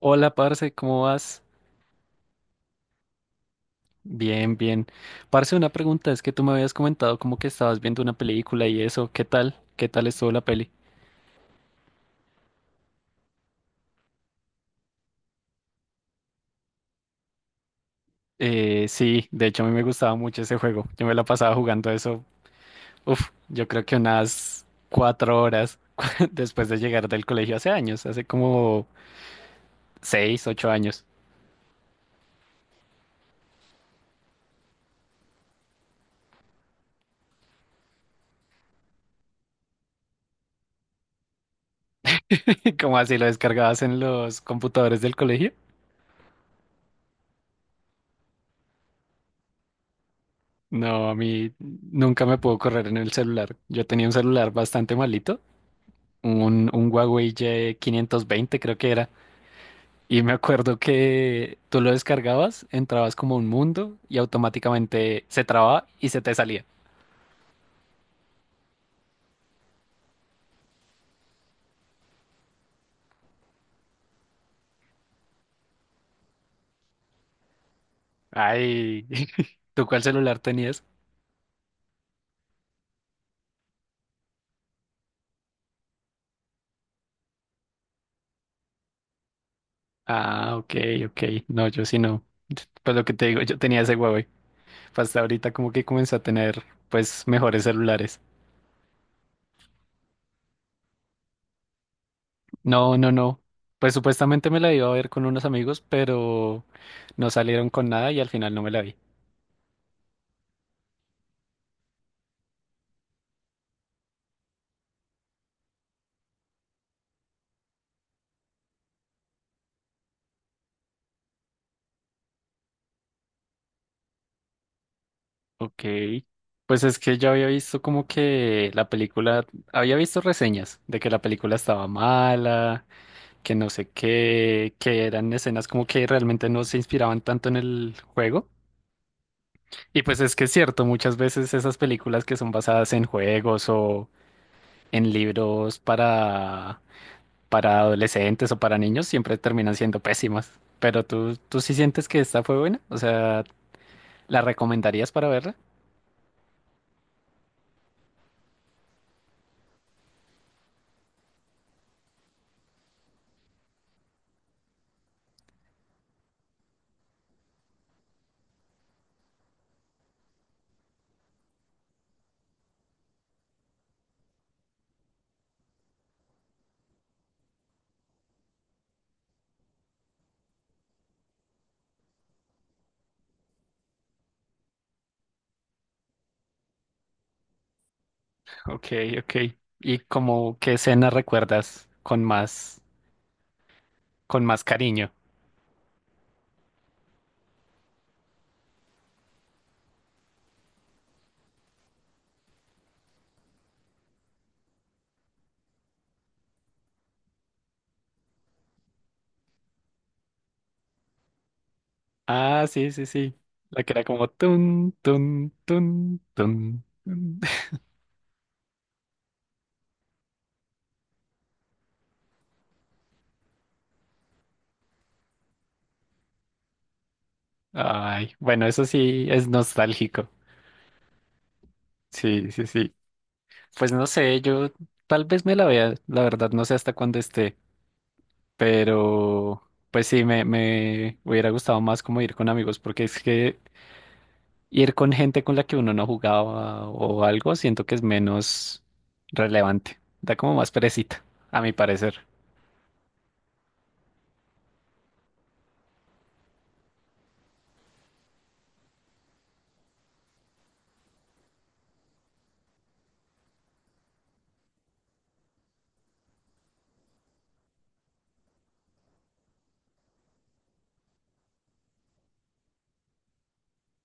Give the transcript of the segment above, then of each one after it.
Hola, parce, ¿cómo vas? Bien, bien. Parce, una pregunta, es que tú me habías comentado como que estabas viendo una película y eso, ¿qué tal? ¿Qué tal estuvo la peli? Sí, de hecho a mí me gustaba mucho ese juego. Yo me la pasaba jugando eso, uf, yo creo que unas 4 horas después de llegar del colegio hace años, hace como 6, 8 años. ¿Cómo así lo descargabas en los computadores del colegio? No, a mí nunca me pudo correr en el celular. Yo tenía un celular bastante malito. Un Huawei Y520 creo que era. Y me acuerdo que tú lo descargabas, entrabas como a un mundo y automáticamente se trababa y se te salía. Ay, ¿tú cuál celular tenías? Ah, ok, ok. No, yo sí no. Pues lo que te digo, yo tenía ese Huawei. Pues hasta ahorita como que comencé a tener pues mejores celulares. No, no, no. Pues supuestamente me la iba a ver con unos amigos, pero no salieron con nada y al final no me la vi. Ok, pues es que yo había visto como que la película, había visto reseñas de que la película estaba mala, que no sé qué, que eran escenas como que realmente no se inspiraban tanto en el juego. Y pues es que es cierto, muchas veces esas películas que son basadas en juegos o en libros para adolescentes o para niños siempre terminan siendo pésimas. Pero tú sí sientes que esta fue buena, o sea, ¿la recomendarías para verla? Ok, ok. ¿Y como qué escena recuerdas con más cariño? Ah, sí, sí, sí. La que era como tun, tun, tun, tun, tun. Ay, bueno, eso sí es nostálgico. Sí, sí, sí. Pues no sé, yo tal vez me la vea, la verdad, no sé hasta cuándo esté, pero pues sí, me hubiera gustado más como ir con amigos, porque es que ir con gente con la que uno no jugaba o algo, siento que es menos relevante. Da como más perecita, a mi parecer.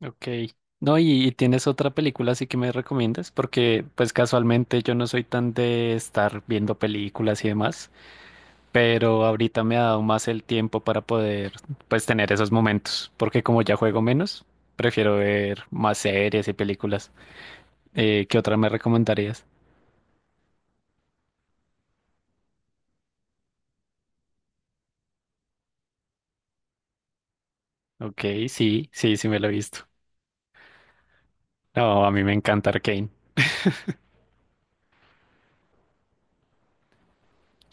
Ok. No, y tienes otra película así que me recomiendas, porque pues casualmente yo no soy tan de estar viendo películas y demás, pero ahorita me ha dado más el tiempo para poder pues tener esos momentos, porque como ya juego menos, prefiero ver más series y películas. ¿Qué otra me recomendarías? Ok, sí, sí, sí me lo he visto. No, a mí me encanta Arcane.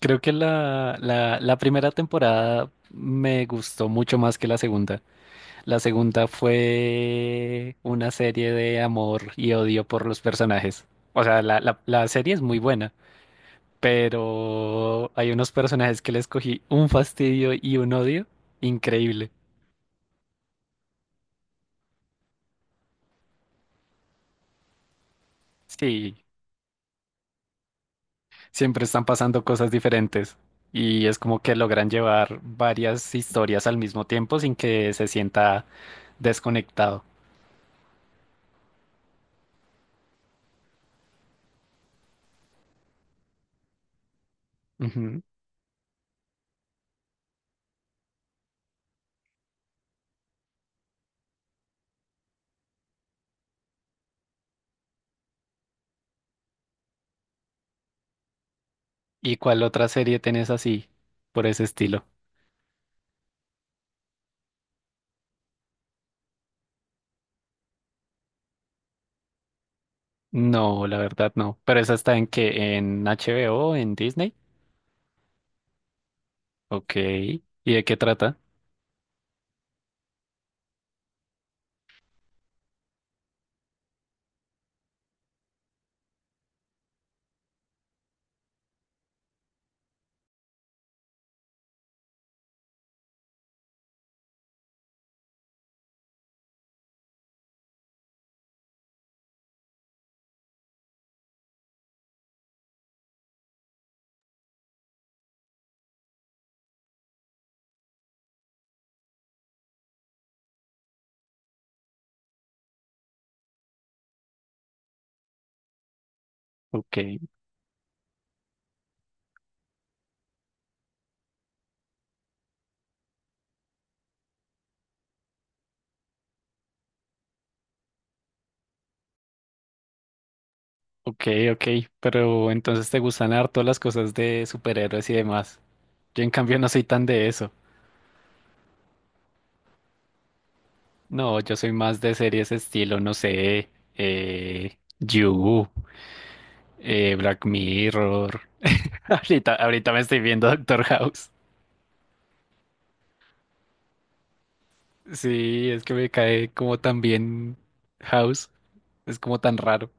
Creo que la primera temporada me gustó mucho más que la segunda. La segunda fue una serie de amor y odio por los personajes. O sea, la serie es muy buena, pero hay unos personajes que les cogí un fastidio y un odio increíble. Sí, siempre están pasando cosas diferentes. Y es como que logran llevar varias historias al mismo tiempo sin que se sienta desconectado. Ujú. ¿Y cuál otra serie tenés así, por ese estilo? No, la verdad no. ¿Pero esa está en qué? ¿En HBO? ¿En Disney? Ok. ¿Y de qué trata? Ok, ok, ok. Pero entonces te gustan harto las cosas de superhéroes y demás. Yo en cambio no soy tan de eso. No, yo soy más de series estilo, no sé, You, Black Mirror. Ahorita, ahorita me estoy viendo Doctor House. Sí, es que me cae como tan bien House. Es como tan raro.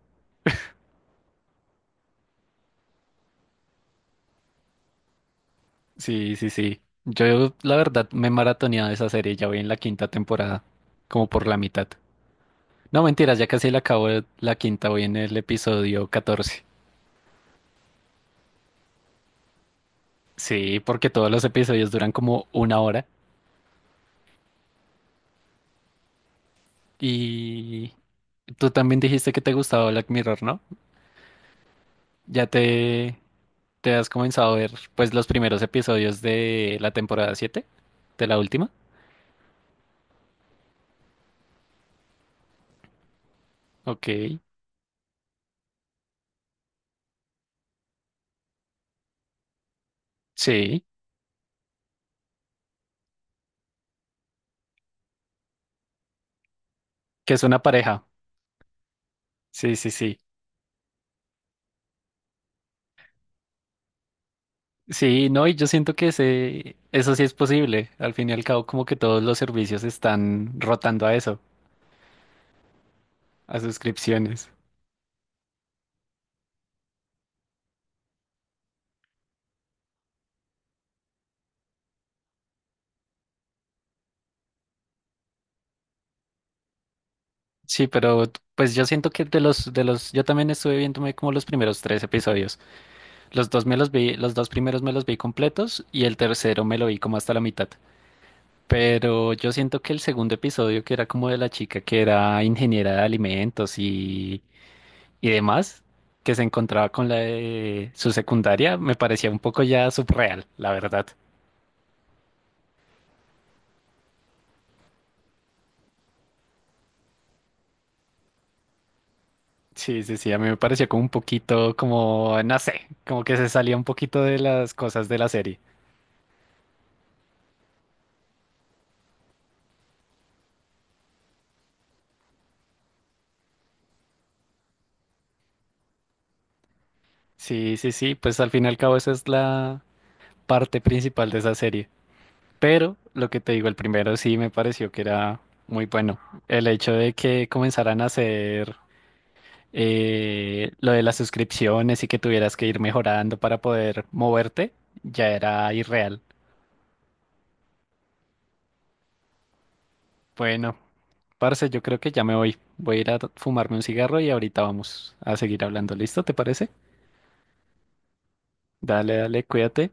Sí, sí, sí. Yo, la verdad, me he maratoneado esa serie. Ya voy en la quinta temporada, como por la mitad. No, mentiras, ya casi la acabo la quinta. Voy en el episodio 14. Sí, porque todos los episodios duran como una hora. Y tú también dijiste que te gustaba Black Mirror, ¿no? Ya te has comenzado a ver, pues, los primeros episodios de la temporada 7, de la última. Ok, sí. Que es una pareja. Sí, sí, sí. Sí, no, y yo siento que eso sí es posible. Al fin y al cabo, como que todos los servicios están rotando a eso, a suscripciones. Sí, pero pues yo siento que yo también estuve viéndome como los primeros 3 episodios. Los dos me los vi, los dos primeros me los vi completos y el tercero me lo vi como hasta la mitad. Pero yo siento que el segundo episodio, que era como de la chica que era ingeniera de alimentos y demás, que se encontraba con la de su secundaria, me parecía un poco ya subreal, la verdad. Sí, sí, sí, a mí me pareció como un poquito, como, no sé, como que se salía un poquito de las cosas de la serie. Sí, sí, sí, pues al fin y al cabo esa es la parte principal de esa serie. Pero lo que te digo, el primero sí me pareció que era muy bueno. El hecho de que comenzaran a hacer lo de las suscripciones y que tuvieras que ir mejorando para poder moverte, ya era irreal. Bueno, parce, yo creo que ya me voy. Voy a ir a fumarme un cigarro y ahorita vamos a seguir hablando. ¿Listo? ¿Te parece? Dale, dale, cuídate.